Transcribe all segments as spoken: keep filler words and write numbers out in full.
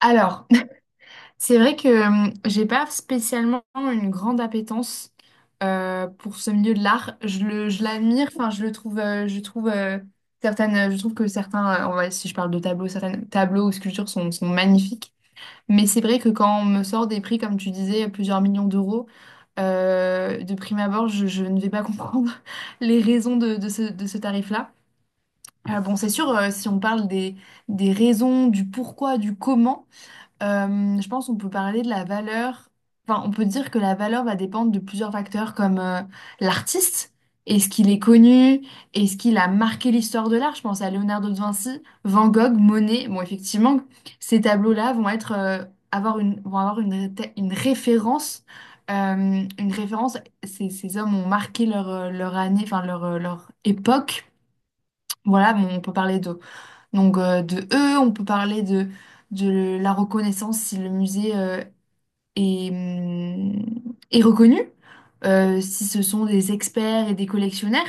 Alors, c'est vrai que euh, j'ai pas spécialement une grande appétence euh, pour ce milieu de l'art. Je le, je l'admire, enfin je le trouve, euh, je trouve euh, certaines, je trouve que certains, euh, on va- si je parle de tableaux, certains tableaux ou sculptures sont, sont magnifiques. Mais c'est vrai que quand on me sort des prix, comme tu disais, plusieurs millions d'euros, euh, de prime abord, je, je ne vais pas comprendre les raisons de, de ce, de ce tarif-là. Euh, bon, c'est sûr, euh, si on parle des, des raisons, du pourquoi, du comment. Euh, je pense qu'on peut parler de la valeur. Enfin, on peut dire que la valeur va dépendre de plusieurs facteurs comme euh, l'artiste. Est-ce qu'il est connu? Est-ce qu'il a marqué l'histoire de l'art? Je pense à Leonardo da Vinci, Van Gogh, Monet. Bon, effectivement, ces tableaux-là vont être, euh, avoir une, vont avoir une, ré- une référence. euh, une référence. Ces, ces hommes ont marqué leur, euh, leur année, enfin leur, euh, leur époque. Voilà, bon, on peut parler d'eux. Donc euh, de eux, on peut parler de, de la reconnaissance si le musée euh, est, hum, est reconnu, euh, si ce sont des experts et des collectionneurs.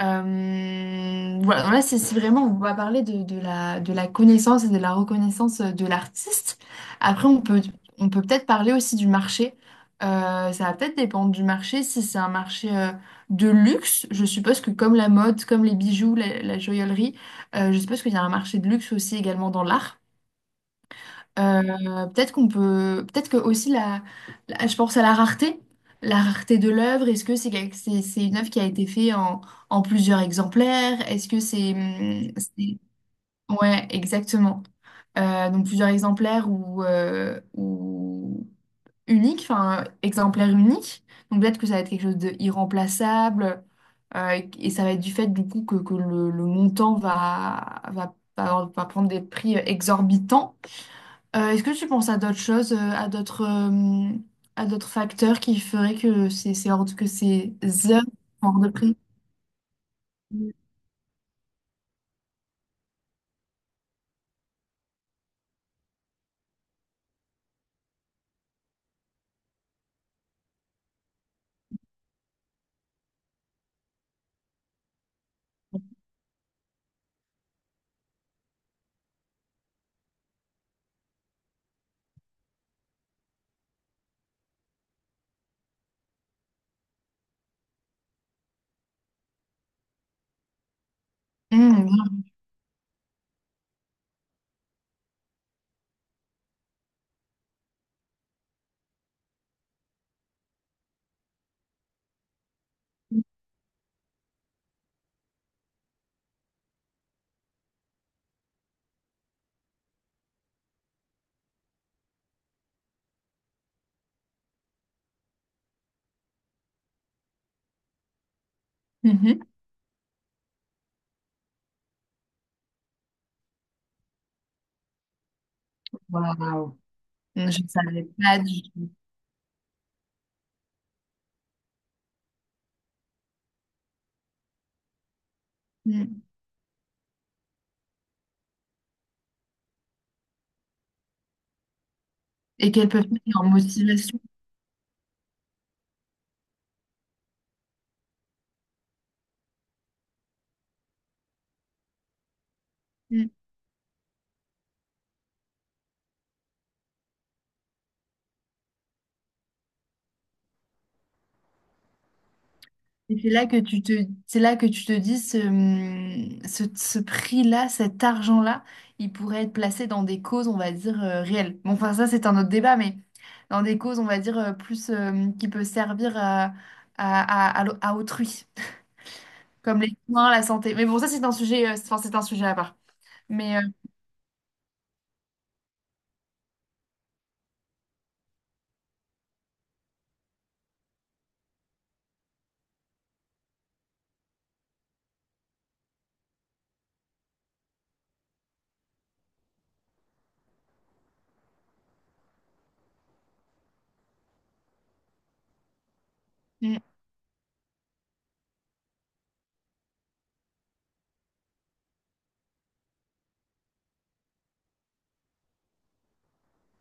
Euh, voilà, là, c'est c'est vraiment, on va parler de, de la, de la connaissance et de la reconnaissance euh, de l'artiste. Après, on peut, on peut peut-être parler aussi du marché. Euh, ça va peut-être dépendre du marché. Si c'est un marché euh, de luxe, je suppose que comme la mode, comme les bijoux, la, la joaillerie, euh, je suppose qu'il y a un marché de luxe aussi également dans l'art. Euh, peut-être qu'on peut, peut-être que aussi la, la- je pense à la rareté, la rareté de l'œuvre. Est-ce que c'est quelque- c'est, c'est une œuvre qui a été faite en, en plusieurs exemplaires? Est-ce que c'est, hum, c'est- ouais, exactement. Euh, donc plusieurs exemplaires ou, euh, ou unique, enfin exemplaire unique. Donc peut-être que ça va être quelque chose d'irremplaçable euh, et et ça va être du fait du coup que, que le, le montant va, va, va va prendre des prix euh, exorbitants. Euh, est-ce que tu penses à d'autres choses, euh, à d'autres euh, à d'autres facteurs qui feraient que c'est c'est hors de, que ces heures sont hors de prix? Mmh, bien. Mhm. Waouh, je ne savais pas du tout. Mmh. Et qu'elles peuvent être en motivation. Et c'est là que tu te, c'est là que tu te dis ce, hum, ce, ce prix-là, cet argent-là, il pourrait être placé dans des causes, on va dire, euh, réelles. Bon, enfin, ça, c'est un autre débat, mais dans des causes, on va dire, euh, plus euh, qui peut servir à, à, à, à l'au- à autrui, comme les soins, la santé. Mais bon, ça, c'est un sujet, euh, c'est enfin, c'est un sujet à part. Mais euh, hum,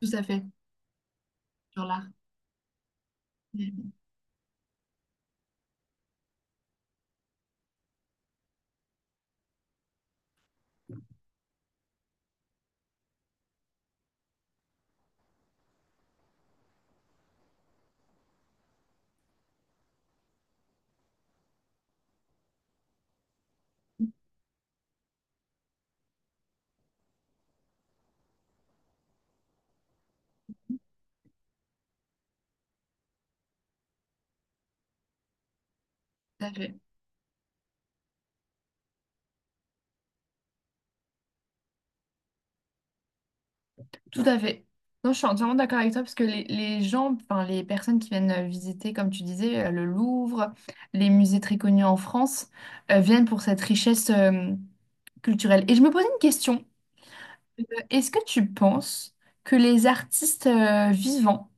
Tout à fait, sur l'art. Hum, tout à fait. Tout à fait. Non, je suis entièrement d'accord avec toi parce que les, les gens, enfin les personnes qui viennent euh, visiter, comme tu disais, euh, le Louvre, les musées très connus en France, euh, viennent pour cette richesse euh, culturelle. Et je me posais une question. Euh, Est-ce que tu penses que les artistes euh, vivants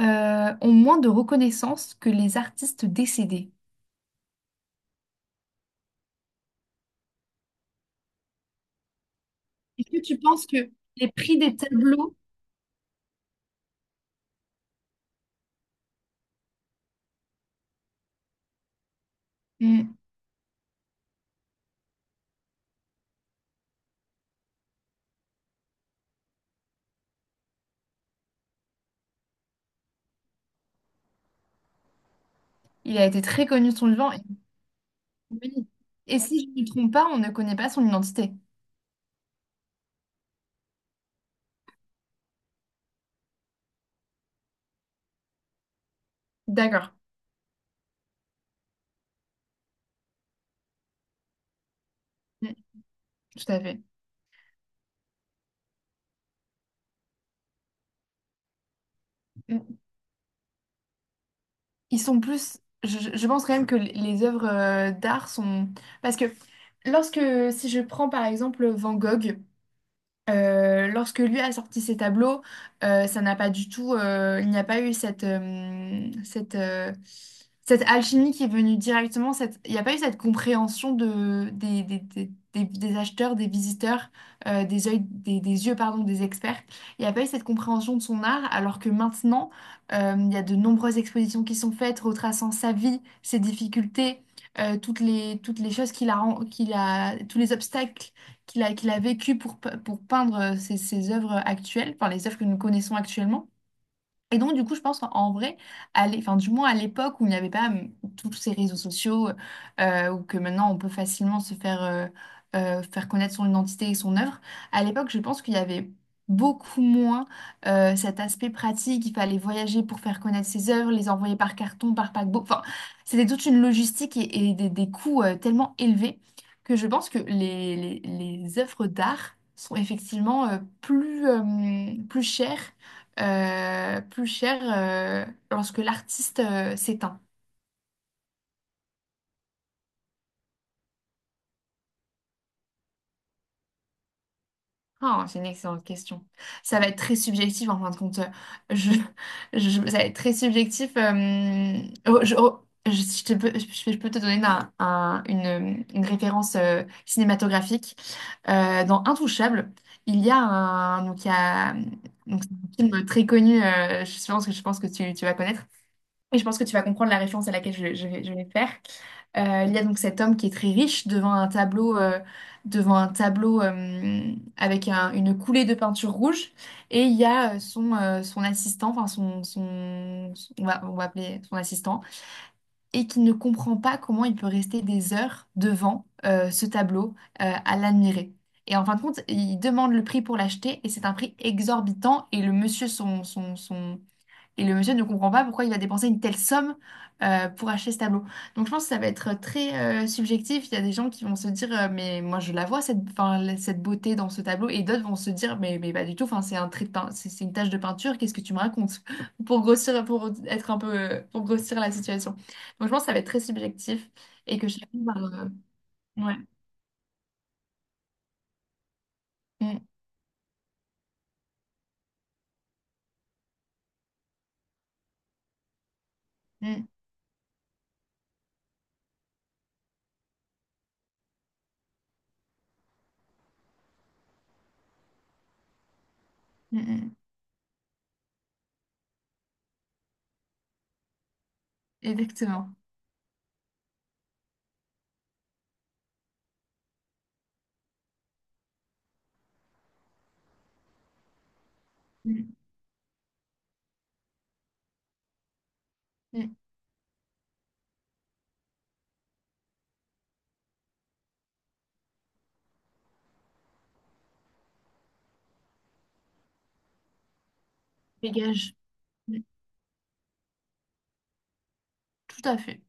euh, ont moins de reconnaissance que les artistes décédés? Est-ce que tu penses que les prix des tableaux, Hmm, il a été très connu de son vivant, et, oui. Et si je ne me trompe pas, on ne connaît pas son identité. D'accord. Hmm. Tout à fait. Mm. Ils sont plus. Je, je- je pense quand même que les les œuvres euh, d'art sont. Parce que lorsque. Si je prends par exemple Van Gogh. Euh, lorsque lui a sorti ses tableaux, euh, ça n'a pas du tout, euh, il n'y a pas eu cette, euh, cette, euh, cette alchimie qui est venue directement, cette, il n'y a pas eu cette compréhension de, des, des, des, des- des acheteurs, des visiteurs, euh, des yeux, des, des yeux, pardon, des experts. Il n'y a pas eu cette compréhension de son art, alors que maintenant, euh, il y a de nombreuses expositions qui sont faites, retraçant sa vie, ses difficultés, euh, toutes les, toutes les choses qu'il a, ren- qu'il a, tous les obstacles qu'il a, qu'il a vécu pour, pe- pour peindre euh, ses, ses œuvres actuelles, enfin les œuvres que nous connaissons actuellement. Et donc, du coup, je pense qu'en vrai, à l'é- enfin, du moins à l'époque où il n'y avait pas hum, tous ces réseaux sociaux, euh, ou que maintenant on peut facilement se faire, euh, euh, faire connaître son identité et son œuvre, à l'époque, je pense qu'il y avait beaucoup moins euh, cet aspect pratique. Il fallait voyager pour faire connaître ses œuvres, les envoyer par carton, par paquebot. Enfin, c'était toute une logistique et, et des, des coûts euh, tellement élevés que je pense que les, les, les œuvres d'art sont effectivement euh, plus, euh, plus chères euh, plus cher euh, lorsque l'artiste euh, s'éteint? Ah, c'est une excellente question. Ça va être très subjectif en fin de compte. Euh, Je, je- Ça va être très subjectif. Euh, oh, je, oh, je- je te peux, je, je peux te donner un- un- une, une référence euh, cinématographique. Euh, dans Intouchable, il y a un, donc il y a, donc c'est un film très connu, euh, je pense que, je pense que tu, tu vas connaître. Et je pense que tu vas comprendre la référence à laquelle je, je vais, je vais faire. Euh, il y a donc cet homme qui est très riche devant un tableau, euh, devant un tableau euh, avec un- une coulée de peinture rouge. Et il y a euh, son, euh, son assistant, enfin son, son, son- on va, on va appeler son assistant, et qui ne comprend pas comment il peut rester des heures devant euh, ce tableau euh, à l'admirer. Et en fin de compte, il demande le prix pour l'acheter et c'est un prix exorbitant. Et le monsieur, et le monsieur ne comprend pas pourquoi il va dépenser une telle somme euh, pour acheter ce tableau. Donc je pense que ça va être très euh, subjectif. Il y a des gens qui vont se dire euh, mais moi je la vois cette, enfin, la- cette beauté dans ce tableau et d'autres vont se dire mais, mais pas du tout. Enfin c'est un trait de pein- c'est c'est une tache de peinture. Qu'est-ce que tu me racontes? Pour grossir pour être un peu euh, pour grossir la situation. Donc je pense que ça va être très subjectif et que chacun va euh, ouais. Mm, mm, mm, mm. Exactement. Mm, mm. Dégage. Mm, tout à fait.